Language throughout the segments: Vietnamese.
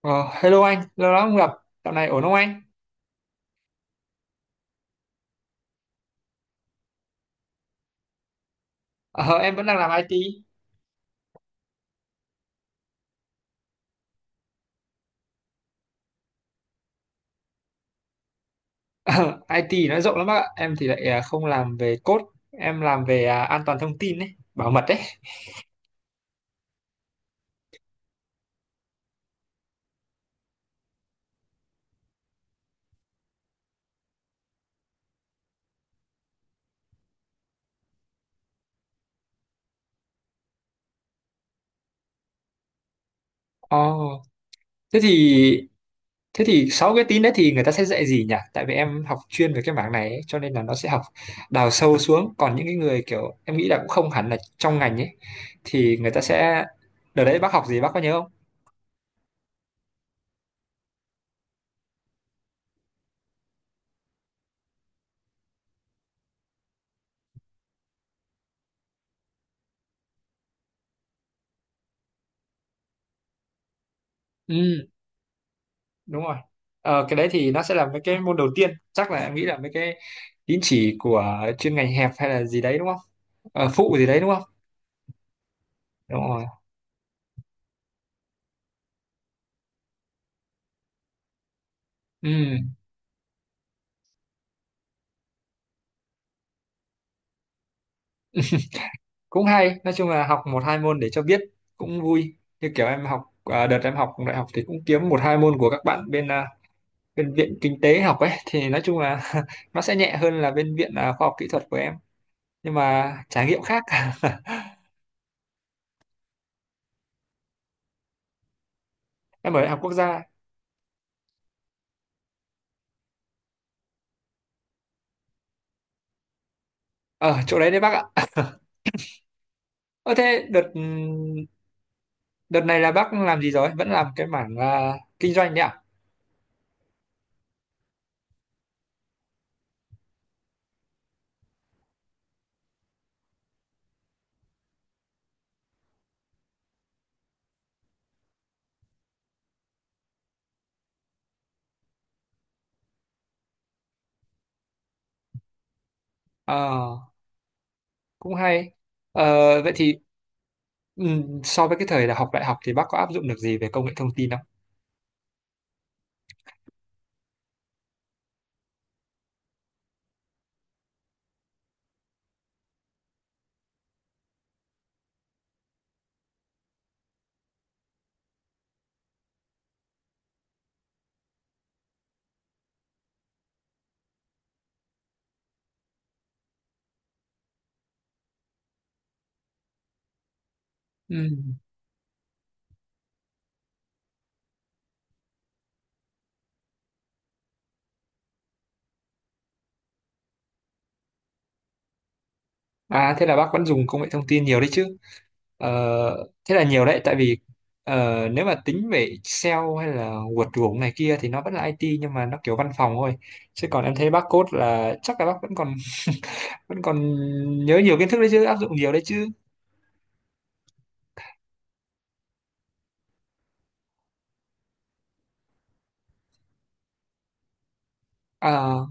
Ờ, hello anh, lâu lắm không gặp, dạo này ổn không anh? Ờ, em vẫn đang làm IT. Ờ, IT nó rộng lắm bác ạ, em thì lại không làm về code, em làm về an toàn thông tin đấy, bảo mật đấy. Ồ, thế thì thế thì sáu cái tín đấy thì người ta sẽ dạy gì nhỉ? Tại vì em học chuyên về cái mảng này ấy, cho nên là nó sẽ học đào sâu xuống. Còn những cái người kiểu em nghĩ là cũng không hẳn là trong ngành ấy, thì người ta sẽ đợt đấy bác học gì bác có nhớ không? Ừ, đúng rồi. Cái đấy thì nó sẽ là mấy cái môn đầu tiên, chắc là em nghĩ là mấy cái tín chỉ của chuyên ngành hẹp hay là gì đấy đúng không? Phụ gì đấy đúng không? Đúng rồi. Ừ, cũng hay, nói chung là học một hai môn để cho biết, cũng vui. Như kiểu em học, đợt em học đại học thì cũng kiếm một hai môn của các bạn bên bên viện kinh tế học ấy, thì nói chung là nó sẽ nhẹ hơn là bên viện khoa học kỹ thuật của em, nhưng mà trải nghiệm khác. Em ở đại học quốc gia, ở chỗ đấy đấy bác ạ. Ờ thế đợt đợt này là bác làm gì rồi, vẫn làm cái mảng kinh doanh đấy ạ? Ờ cũng hay. Ờ, vậy thì, so với cái thời là học đại học thì bác có áp dụng được gì về công nghệ thông tin không? Ừm. Thế là bác vẫn dùng công nghệ thông tin nhiều đấy chứ? Ờ, thế là nhiều đấy, tại vì nếu mà tính về Excel hay là WordPress này kia thì nó vẫn là IT, nhưng mà nó kiểu văn phòng thôi. Chứ còn em thấy bác code là chắc là bác vẫn còn nhớ nhiều kiến thức đấy chứ, áp dụng nhiều đấy chứ. À,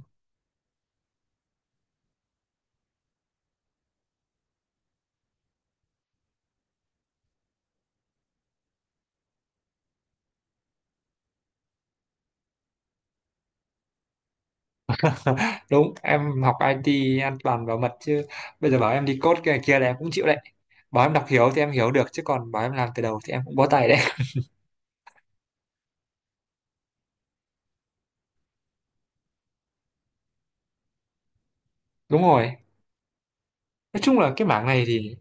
đúng, em học IT an toàn bảo mật chứ, bây giờ bảo em đi code kia kia là em cũng chịu đấy. Bảo em đọc hiểu thì em hiểu được, chứ còn bảo em làm từ đầu thì em cũng bó tay đấy. Đúng rồi, nói chung là cái mảng này thì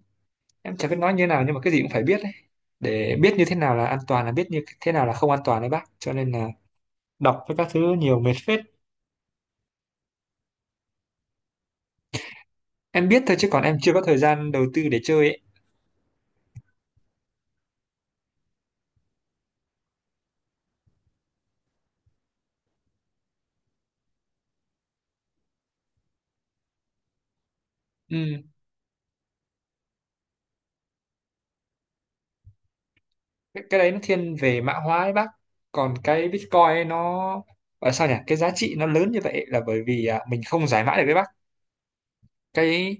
em chẳng biết nói như thế nào, nhưng mà cái gì cũng phải biết đấy, để biết như thế nào là an toàn, là biết như thế nào là không an toàn đấy bác, cho nên là đọc với các thứ nhiều mệt phết. Em biết thôi, chứ còn em chưa có thời gian đầu tư để chơi ấy. Ừ. cái đấy nó thiên về mã hóa ấy bác. Còn cái Bitcoin ấy nó gọi là sao nhỉ, cái giá trị nó lớn như vậy là bởi vì mình không giải mã được đấy bác. cái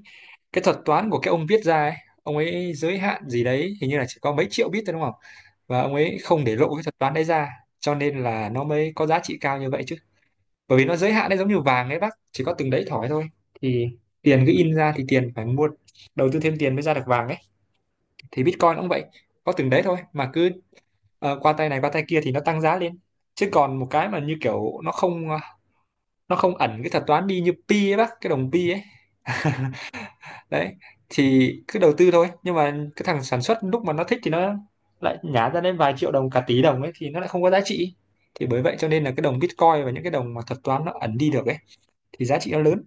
cái thuật toán của cái ông viết ra ấy, ông ấy giới hạn gì đấy hình như là chỉ có mấy triệu bit thôi đúng không, và ông ấy không để lộ cái thuật toán đấy ra, cho nên là nó mới có giá trị cao như vậy chứ. Bởi vì nó giới hạn đấy, giống như vàng ấy bác, chỉ có từng đấy thỏi thôi. Thì tiền cứ in ra thì tiền phải mua, đầu tư thêm tiền mới ra được vàng ấy. Thì Bitcoin cũng vậy, có từng đấy thôi, mà cứ qua tay này qua tay kia thì nó tăng giá lên. Chứ còn một cái mà như kiểu nó không, nó không ẩn cái thuật toán đi như pi ấy bác, cái đồng pi ấy đấy, thì cứ đầu tư thôi. Nhưng mà cái thằng sản xuất lúc mà nó thích thì nó lại nhả ra đến vài triệu đồng, cả tỷ đồng ấy, thì nó lại không có giá trị. Thì bởi vậy cho nên là cái đồng Bitcoin và những cái đồng mà thuật toán nó ẩn đi được ấy, thì giá trị nó lớn.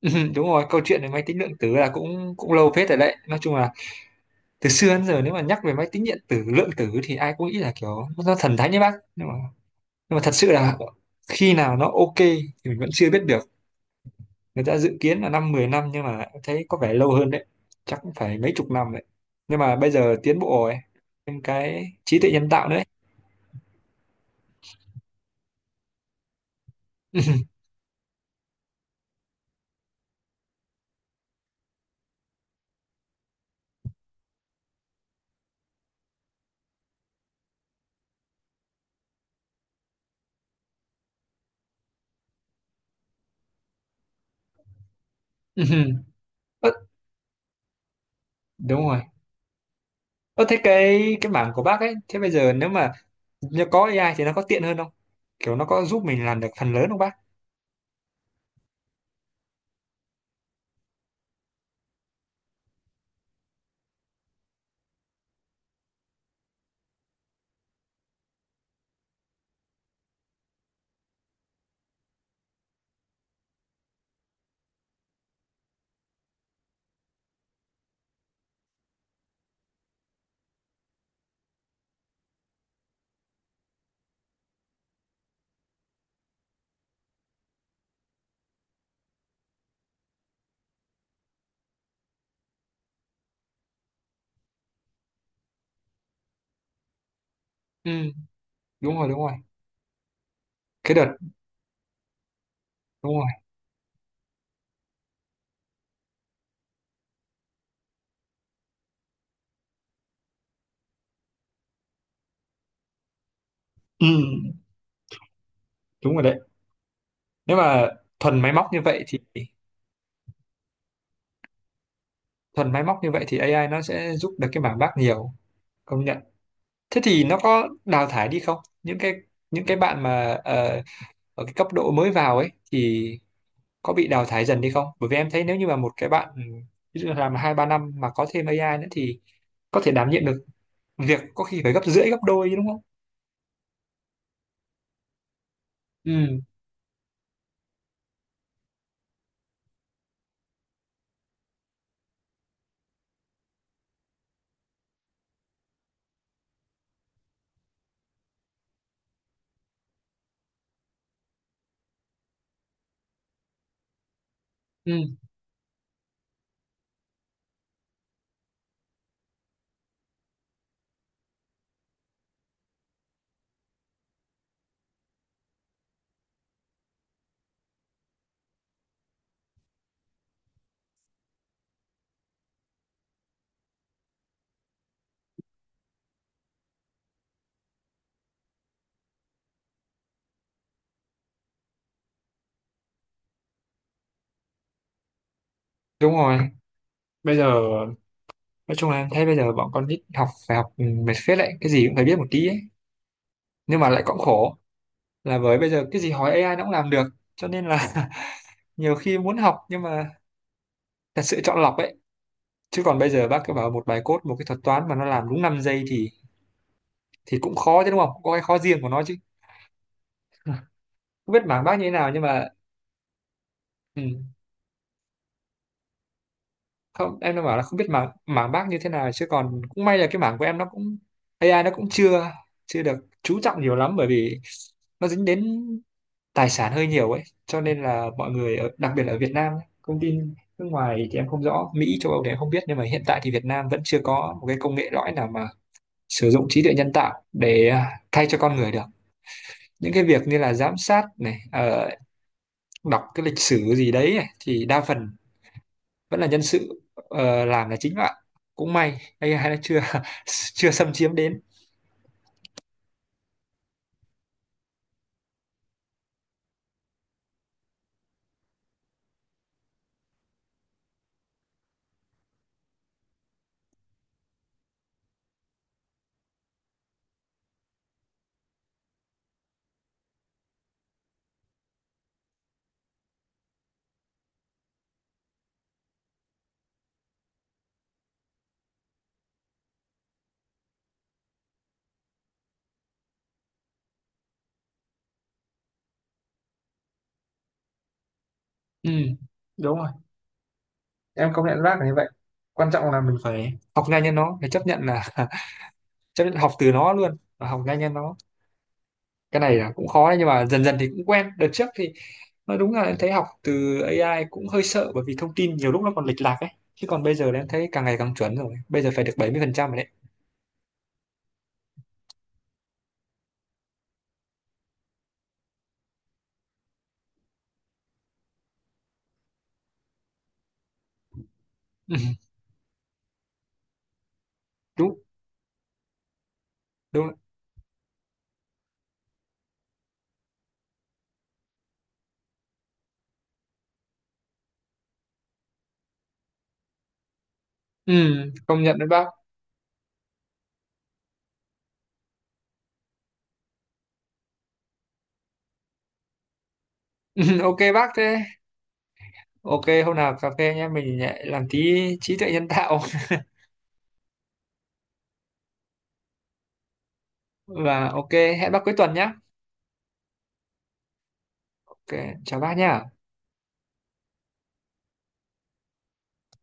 Đúng rồi, câu chuyện về máy tính lượng tử là cũng cũng lâu phết rồi đấy, nói chung là từ xưa đến giờ nếu mà nhắc về máy tính điện tử lượng tử thì ai cũng nghĩ là kiểu nó thần thánh đấy bác. Nhưng mà nhưng mà thật sự là khi nào nó ok thì mình vẫn chưa biết được. Người ta dự kiến là 5-10 năm, nhưng mà thấy có vẻ lâu hơn đấy, chắc cũng phải mấy chục năm đấy. Nhưng mà bây giờ tiến bộ rồi, thêm cái trí tuệ nhân tạo nữa ấy. Ơ, đúng rồi. Ơ thế cái mảng của bác ấy, thế bây giờ nếu mà nhờ có AI thì nó có tiện hơn không, kiểu nó có giúp mình làm được phần lớn không bác? Ừ, đúng rồi, đúng rồi. Cái đợt Đúng rồi. Ừ, đúng rồi đấy. Nếu mà thuần máy móc như vậy thì thuần máy móc như vậy thì AI nó sẽ giúp được cái mảng bác nhiều, công nhận. Thế thì nó có đào thải đi không, những cái bạn mà, ở cái cấp độ mới vào ấy thì có bị đào thải dần đi không? Bởi vì em thấy nếu như mà một cái bạn, ví dụ làm 2-3 năm mà có thêm AI nữa thì có thể đảm nhiệm được việc có khi phải gấp rưỡi gấp đôi chứ đúng không? Ừ, ừ, đúng rồi. Bây giờ nói chung là em thấy bây giờ bọn con nít học phải học, mệt phết đấy, cái gì cũng phải biết một tí ấy. Nhưng mà lại cũng khổ là với bây giờ cái gì hỏi AI nó cũng làm được, cho nên là nhiều khi muốn học nhưng mà thật sự chọn lọc ấy. Chứ còn bây giờ bác cứ bảo một bài code một cái thuật toán mà nó làm đúng 5 giây thì cũng khó chứ đúng không? Cũng có cái khó riêng của nó chứ, không biết mảng bác như thế nào, nhưng mà ừ, không em đang bảo là không biết mảng mảng bác như thế nào, chứ còn cũng may là cái mảng của em nó cũng, AI nó cũng chưa chưa được chú trọng nhiều lắm, bởi vì nó dính đến tài sản hơi nhiều ấy, cho nên là mọi người ở, đặc biệt là ở Việt Nam ấy, công ty nước ngoài thì em không rõ, Mỹ châu Âu thì em không biết, nhưng mà hiện tại thì Việt Nam vẫn chưa có một cái công nghệ lõi nào mà sử dụng trí tuệ nhân tạo để thay cho con người được. Những cái việc như là giám sát này, đọc cái lịch sử gì đấy này, thì đa phần vẫn là nhân sự làm là chính bạn. Cũng may AI nó chưa chưa xâm chiếm đến. Ừ, đúng rồi, em công nhận bác là như vậy, quan trọng là mình phải học nhanh như nó, phải chấp nhận là chấp nhận học từ nó luôn và học nhanh như nó. Cái này là cũng khó đấy, nhưng mà dần dần thì cũng quen. Đợt trước thì nói đúng là em thấy học từ AI cũng hơi sợ, bởi vì thông tin nhiều lúc nó còn lệch lạc ấy. Chứ còn bây giờ là em thấy càng ngày càng chuẩn rồi, bây giờ phải được 70% rồi đấy. Ừ, đúng đúng rồi. Ừ, công nhận đấy bác. Ừ, ok bác thế. Ok hôm nào cà phê nhé, mình lại làm tí trí tuệ nhân tạo. Và ok, hẹn bác cuối tuần nhé. Ok, chào bác nhé.